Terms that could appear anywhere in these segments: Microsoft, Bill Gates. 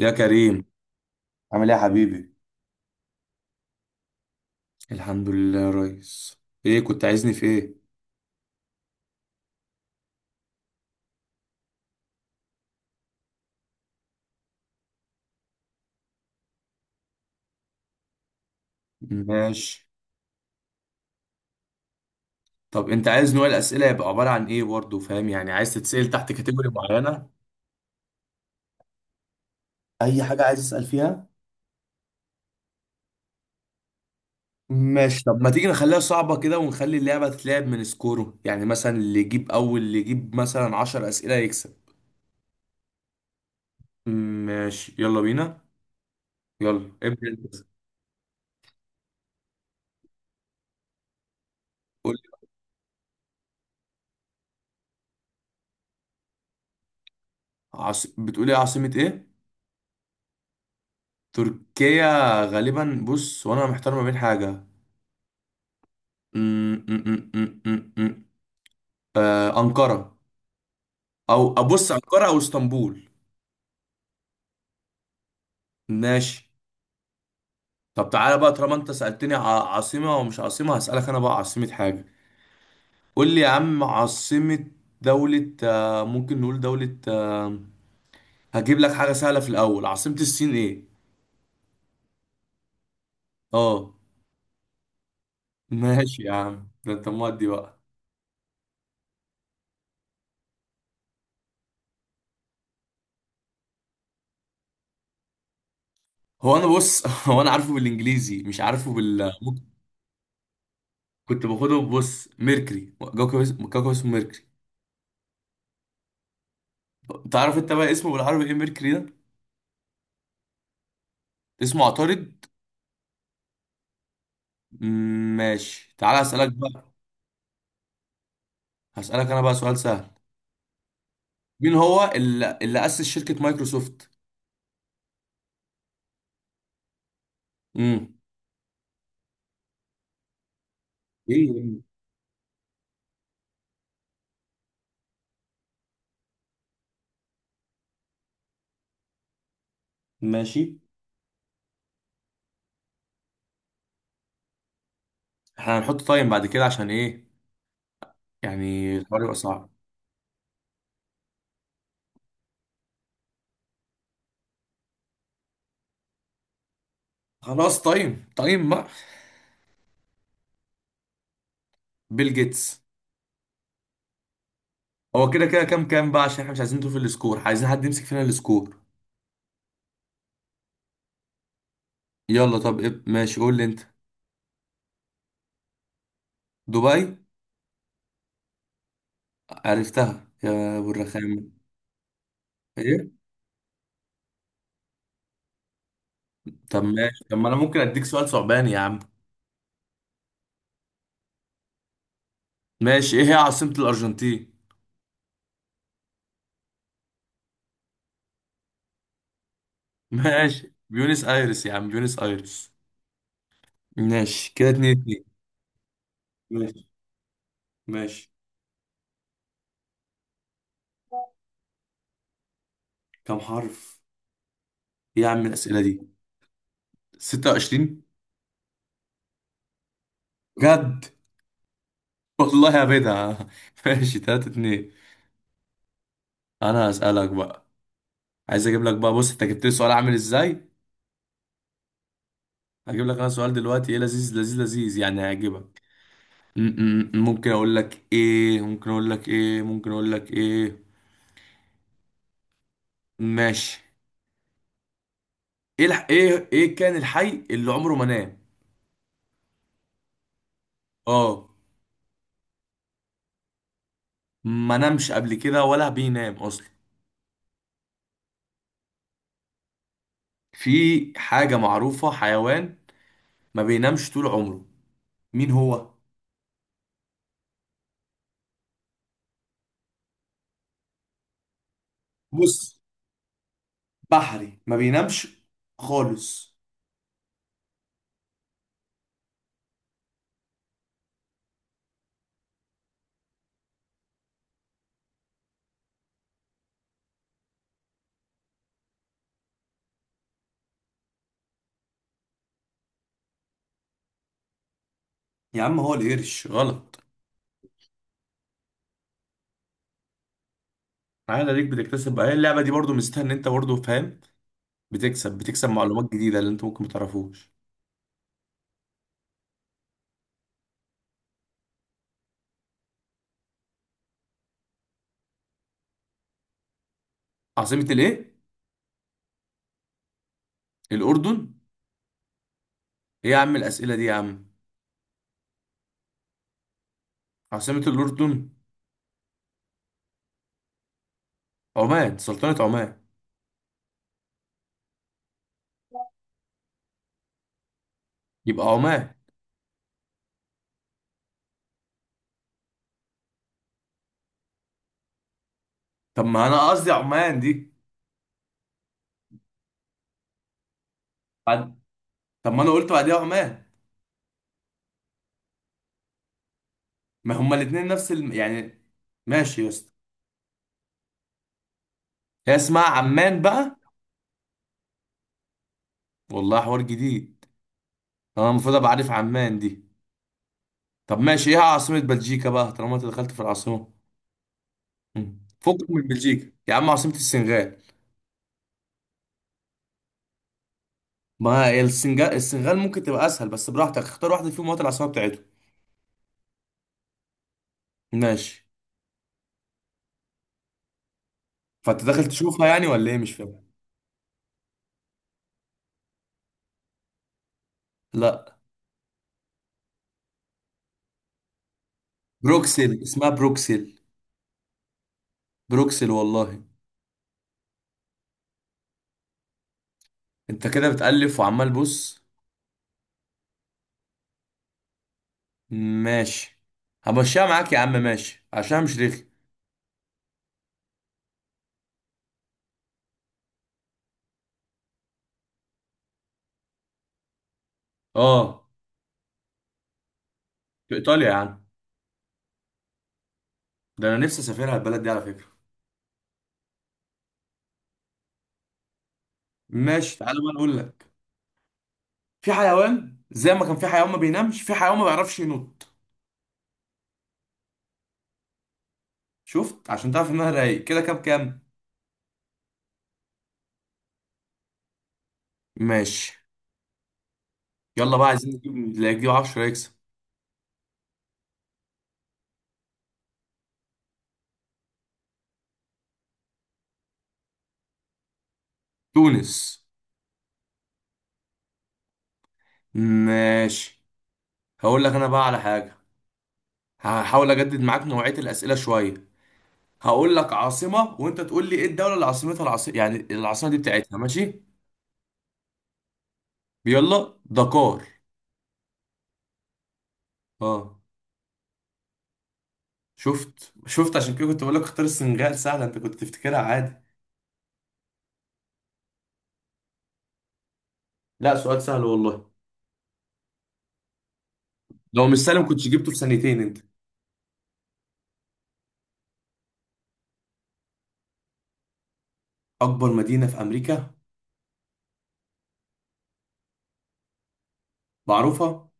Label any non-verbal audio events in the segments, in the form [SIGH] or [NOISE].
يا كريم، عامل ايه يا حبيبي؟ الحمد لله يا ريس. ايه كنت عايزني في ايه؟ ماشي. طب انت عايز نوع الاسئله يبقى عباره عن ايه برضه، فاهم؟ يعني عايز تتسال تحت كاتيجوري معينه؟ اي حاجه عايز اسال فيها. ماشي. طب ما تيجي نخليها صعبه كده، ونخلي اللعبه تتلعب من سكوره، يعني مثلا اللي يجيب اول، اللي يجيب مثلا 10 اسئله يكسب. ماشي، يلا بينا. يلا ابدا انت. قول لي، بتقول ايه، عاصمه ايه؟ تركيا. غالبا، بص، وانا محتار ما بين حاجه. أمم، أمم، أمم، أمم، أمم. أنقرة. أو أبص، أنقرة أو اسطنبول. ماشي. طب تعالى بقى، طالما أنت سألتني عاصمة ومش عاصمة، هسألك أنا بقى عاصمة حاجة. قول لي يا عم عاصمة دولة، ممكن نقول دولة، هجيب لك حاجة سهلة في الأول. عاصمة الصين إيه؟ أه. ماشي يا عم، ده أنت مودي بقى. هو أنا بص [LAUGHS] هو أنا عارفه بالإنجليزي، مش عارفه بال كنت باخده، بص، ميركري، كوكب اسمه، كوكب اسمه ميركري. تعرف انت بقى اسمه بالعربي ايه، ميركوري ده؟ اسمه عطارد. ماشي، تعال اسالك بقى. هسالك انا بقى سؤال سهل. مين هو اللي اسس شركة مايكروسوفت؟ امم ايه؟ ماشي، احنا هنحط تايم بعد كده عشان ايه؟ يعني الحوار يبقى صعب. خلاص، تايم تايم بقى. بيل جيتس. هو كده كده كام كام بقى، عشان احنا مش عايزين نطول في السكور، عايزين حد يمسك فينا السكور. يلا. طب إيه؟ ماشي، قول لي انت. دبي. عرفتها يا ابو الرخام. ايه؟ طب ماشي. طب ما انا ممكن اديك سؤال صعباني يا عم. ماشي، ايه هي عاصمة الأرجنتين؟ ماشي، بيونس ايرس يا عم، بيونس ايرس. ماشي، كده اتنين اتنين. ماشي، ماشي. كم حرف؟ ايه يا عم الأسئلة دي؟ 26. بجد. والله يا بدعة [LAUGHS] ماشي، تلاتة اتنين. انا هسألك بقى. عايز اجيب لك بقى، بص انت جبت لي سؤال عامل ازاي. هجيب لك انا سؤال دلوقتي ايه لذيذ لذيذ لذيذ، يعني هيعجبك. ممكن اقول لك ايه، ممكن اقول لك ايه، ممكن اقول لك ايه. ماشي. ايه كان الحي اللي عمره ما نام. اه. ما نامش قبل كده ولا بينام اصلا. في حاجة معروفة، حيوان، ما بينامش طول عمره. مين هو؟ بص، بحري، ما بينامش خالص. يا عم، هو القرش غلط. عادي، ليك، بتكتسب بقى. هي اللعبة دي برضو ميزتها ان انت برضو فاهم، بتكسب معلومات جديدة اللي انت ممكن ما تعرفوش. عاصمة الايه؟ الاردن. ايه يا عم الاسئلة دي يا عم! عاصمة الاردن. عمان، سلطنة عمان. يبقى عمان. طب ما انا قصدي عمان دي. بعد- طب ما انا قلت بعديها عمان. ما هما الاتنين نفس يعني. ماشي يا اسطى. هي اسمها عمان بقى. والله حوار جديد. انا المفروض ابقى عارف عمان دي. طب ماشي، ايه عاصمة بلجيكا بقى، طالما انت دخلت في العاصمة. فكك من بلجيكا يا عم. عاصمة السنغال. ما هي السنغال، السنغال ممكن تبقى اسهل، بس براحتك، اختار واحدة فيهم وهات العاصمة بتاعتهم. ماشي. فانت داخل تشوفها يعني ولا ايه؟ مش فاهم. لا، بروكسل، اسمها بروكسل. بروكسل والله. انت كده بتألف وعمال بص. ماشي، همشيها معاك يا عم، ماشي، عشان مش رخي. اه. في ايطاليا يا عم. ده انا نفسي اسافرها البلد دي على فكره. ماشي، تعالى بقى اقول لك. في حيوان، زي ما كان في حيوان ما بينامش، في حيوان ما بيعرفش ينط. شفت، عشان تعرف انها رايق كده؟ كام كام؟ ماشي. يلا بقى، عايزين نجيب اللي يجيب 10 يكسب. تونس. ماشي. هقول لك انا بقى على حاجه. هحاول اجدد معاك نوعيه الاسئله شويه. هقول لك عاصمه وانت تقول لي ايه الدوله اللي عاصمتها العاصمه، يعني العاصمه دي بتاعتها. ماشي. يلا، دكار. اه. شفت شفت، عشان كده كنت بقول لك اختار السنغال سهله، انت كنت تفتكرها عادي. لا، سؤال سهل والله. لو مش سهل ما كنتش جبته في ثانيتين انت. اكبر مدينه في امريكا؟ معروفه.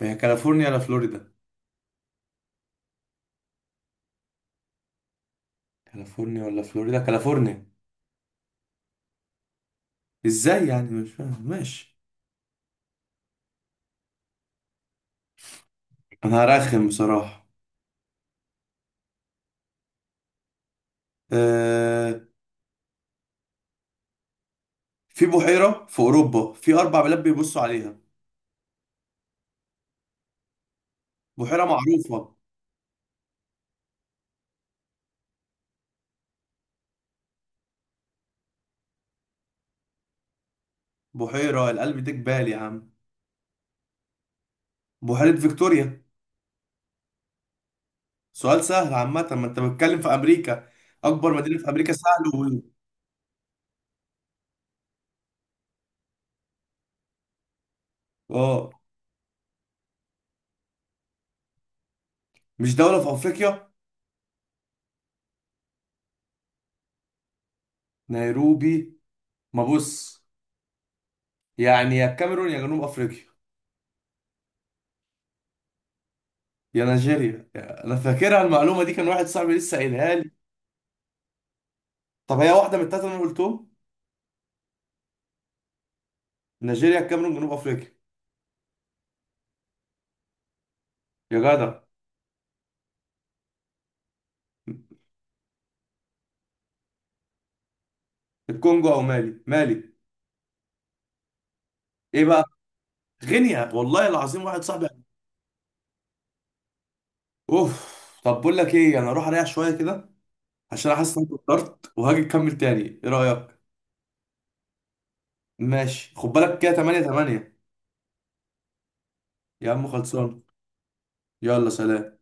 هي كاليفورنيا ولا فلوريدا؟ كاليفورنيا ولا فلوريدا، كاليفورنيا. ازاي يعني؟ مش فاهم. ماشي. انا هرخم بصراحه. أه... في بحيره في اوروبا في اربع بلاد بيبصوا عليها. بحيره معروفه. بحيره القلب ده جبال يا عم. بحيره فيكتوريا. سؤال سهل عامه، ما انت بتتكلم في امريكا. اكبر مدينه في امريكا سهل. اه. مش دولة في افريقيا؟ نيروبي. ما بص، يعني يا الكاميرون يا جنوب افريقيا، يا نيجيريا انا فاكرها المعلومة دي، كان واحد صاحبي لسه قايلها لي. طب هي واحدة من التلاتة اللي انا قلتهم؟ نيجيريا، الكاميرون، جنوب افريقيا. يا جدع. الكونجو او مالي، مالي. ايه بقى؟ غينيا والله العظيم، واحد صاحبي. اوف. طب بقول لك ايه، انا اروح اريح شوية كده، عشان احس ان انا اتوترت، وهاجي نكمل تاني. ايه رأيك؟ ماشي. خد بالك كده 8-8. يا عم خلصان. يلا سلام.